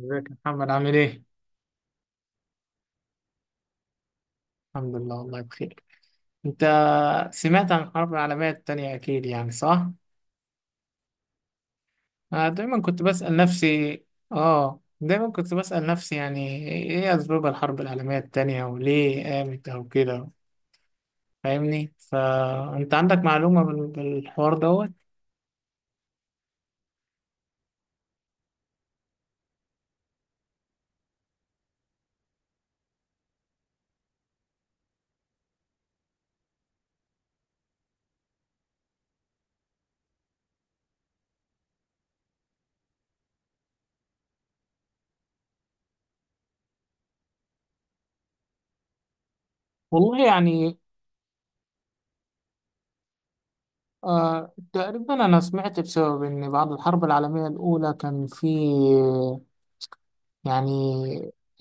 ازيك يا محمد عامل ايه؟ الحمد لله والله بخير. انت سمعت عن الحرب العالمية التانية اكيد يعني صح؟ انا دايما كنت بسأل نفسي. اه دايما كنت بسأل نفسي يعني ايه اسباب الحرب العالمية التانية وليه قامت او كده. فاهمني؟ فانت عندك معلومة بالحوار دوت؟ والله يعني آه تقريبا انا سمعت بسبب ان بعد الحرب العالمية الاولى كان في يعني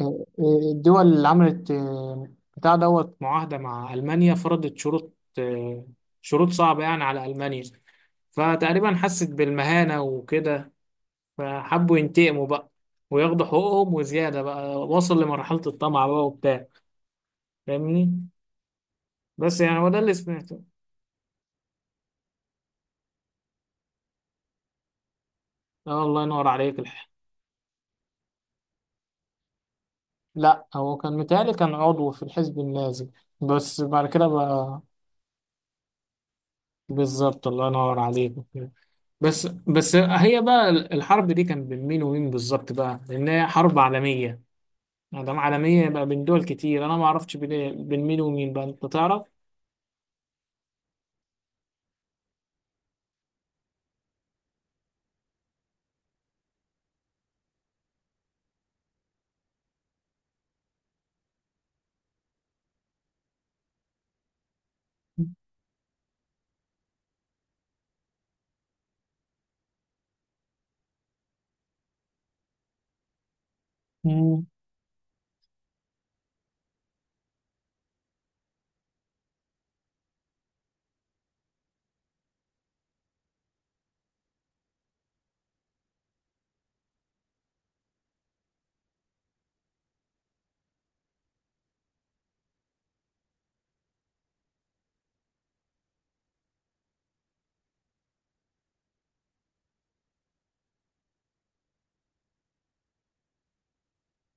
الدول اللي عملت بتاع دوت معاهدة مع ألمانيا فرضت شروط، آه، شروط صعبة يعني على ألمانيا. فتقريبا حست بالمهانة وكده، فحبوا ينتقموا بقى وياخدوا حقوقهم وزيادة بقى. وصل لمرحلة الطمع بقى وبتاع، فاهمني. بس يعني هو ده اللي سمعته. آه الله ينور عليك الحق. لا هو كان متهيألي كان عضو في الحزب النازي، بس بعد كده بقى. بالظبط الله ينور عليك. بس هي بقى الحرب دي كان بين مين ومين بالظبط بقى، لان هي حرب عالميه. ما دام عالميه يبقى بين دول كتير. انا ما اعرفش بين إيه، بين مين ومين بقى، انت تعرف. مم.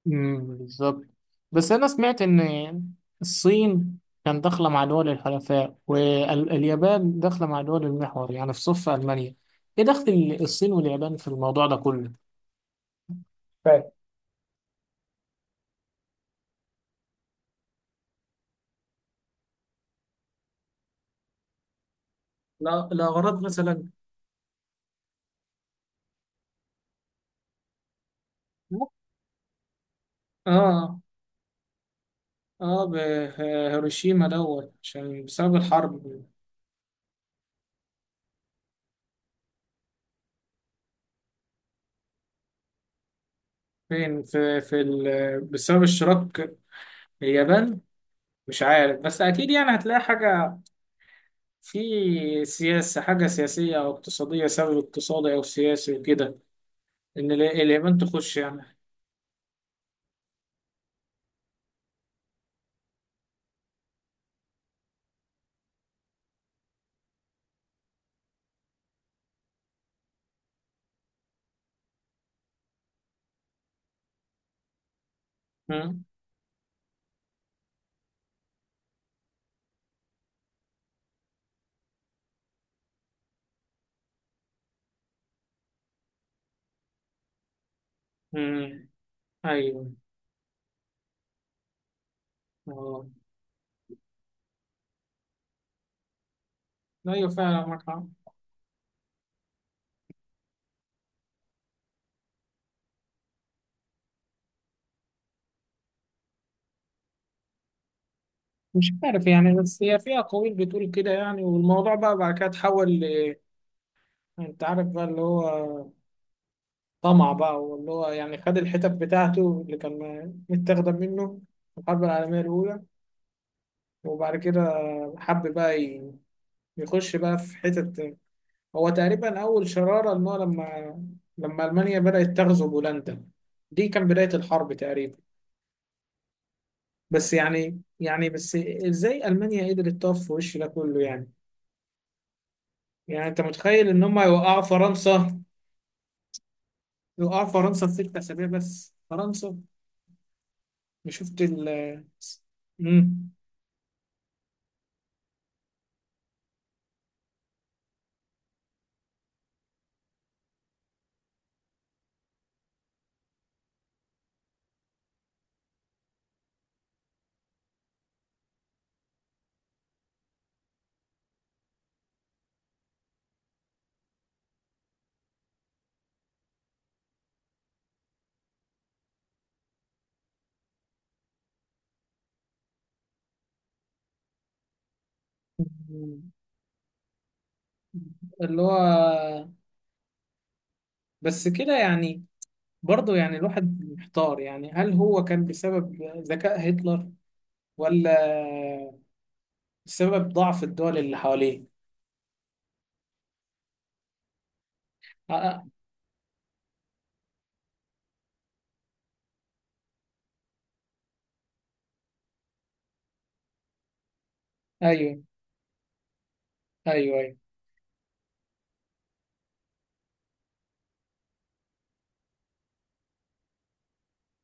بالظبط. بس انا سمعت ان الصين كان داخله مع دول الحلفاء واليابان داخله مع دول المحور، يعني في صف المانيا. ايه دخل الصين واليابان في الموضوع ده كله، فاهم؟ لا لا غرض مثلا. اه اه بهيروشيما دوت عشان بسبب الحرب. فين في بسبب اشتراك اليابان. مش عارف بس اكيد يعني هتلاقي حاجه في سياسه، حاجه سياسيه او اقتصاديه، سبب اقتصادي او سياسي وكده. ان اليابان تخش يعني. مم. مم. ايوه اه. ايوه فعلا معاك حق. مش عارف يعني بس هي في اقاويل بتقول كده يعني. والموضوع بقى بعد كده اتحول انت عارف بقى اللي هو طمع بقى، واللي هو يعني خد الحتت بتاعته اللي كان متاخدة منه في الحرب العالمية الأولى. وبعد كده حب بقى يخش بقى في حتت. هو تقريبا أول شرارة إن هو لما لما ألمانيا بدأت تغزو بولندا، دي كان بداية الحرب تقريبا. بس يعني بس إزاي ألمانيا قدرت تقف في وش ده كله يعني؟ يعني أنت متخيل إن هم يوقعوا فرنسا في ست أسابيع؟ بس فرنسا مش شفت ال... مم. اللي هو، بس كده يعني. برضه يعني الواحد محتار يعني. هل هو كان بسبب ذكاء هتلر، ولا بسبب ضعف الدول اللي حواليه؟ آه آه، ايوه ايوه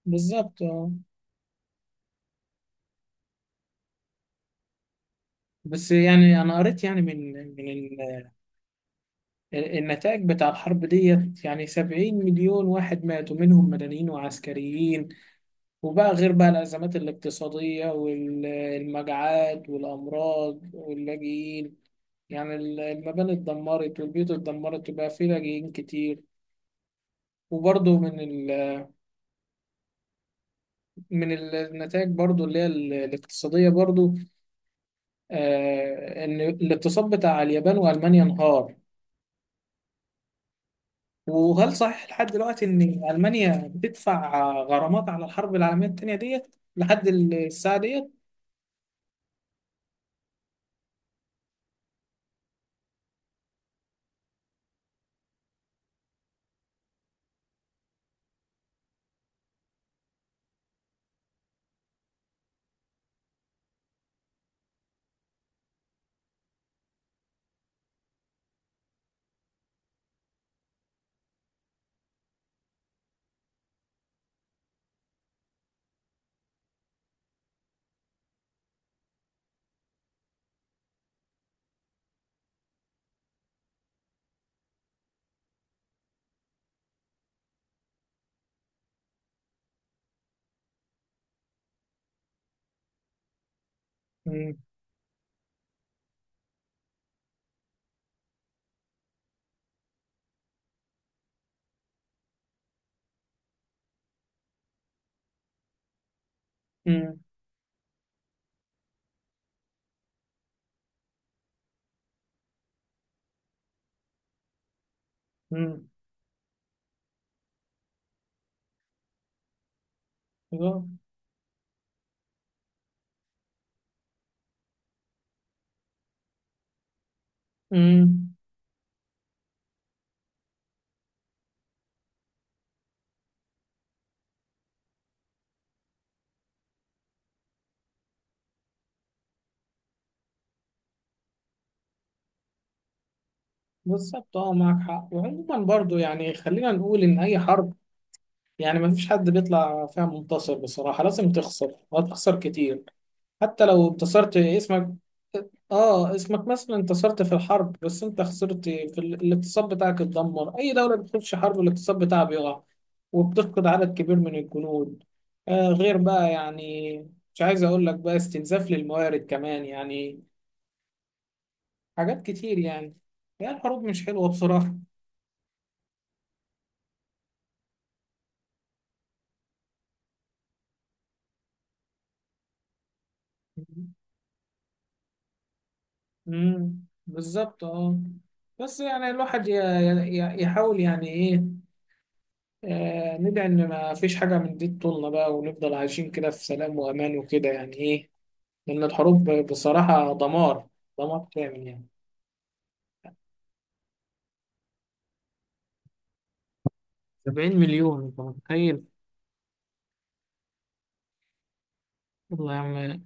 بالظبط آه. بس يعني انا قريت يعني من النتائج بتاع الحرب ديت. يعني 70 مليون واحد ماتوا منهم مدنيين وعسكريين، وبقى غير بقى الأزمات الاقتصادية والمجاعات والأمراض واللاجئين. يعني المباني اتدمرت والبيوت اتدمرت وبقى فيه لاجئين كتير. وبرضه من ال... من النتائج برضه اللي هي الاقتصادية برضه، آه إن الاقتصاد بتاع اليابان وألمانيا انهار. وهل صحيح لحد دلوقتي إن ألمانيا بتدفع غرامات على الحرب العالمية التانية ديت لحد الساعة ديت؟ مم. مم. مم. آه. مم. بالظبط اه معاك حق. وعموما برضه يعني خلينا نقول إن أي حرب، يعني ما فيش حد بيطلع فيها منتصر بصراحة. لازم تخسر وهتخسر كتير حتى لو انتصرت اسمك. اه اسمك مثلا انتصرت في الحرب، بس انت خسرت في الاقتصاد بتاعك اتدمر. اي دولة بتخش حرب الاقتصاد بتاعها بيقع، وبتفقد عدد كبير من الجنود. آه غير بقى يعني، مش عايز اقول لك بقى استنزاف للموارد كمان يعني، حاجات كتير يعني. يعني الحروب مش حلوة بصراحة. بالظبط اه. بس يعني الواحد يحاول يعني ايه، آه ندعي ان ما فيش حاجه من دي تطولنا بقى، ونفضل عايشين كده في سلام وامان وكده يعني ايه. لان الحروب بصراحه دمار، دمار كامل يعني. 70 مليون انت متخيل! والله يا عم.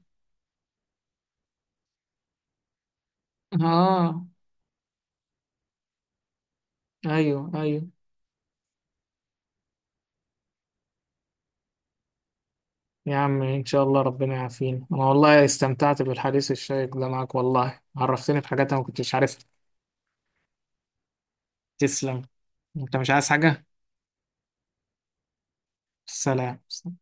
اه ايوه ايوه. يا عم ان شاء الله ربنا يعافينا. انا والله استمتعت بالحديث الشيق ده معاك، والله عرفتني بحاجات انا ما كنتش عارفها. تسلم. انت مش عايز حاجه؟ سلام.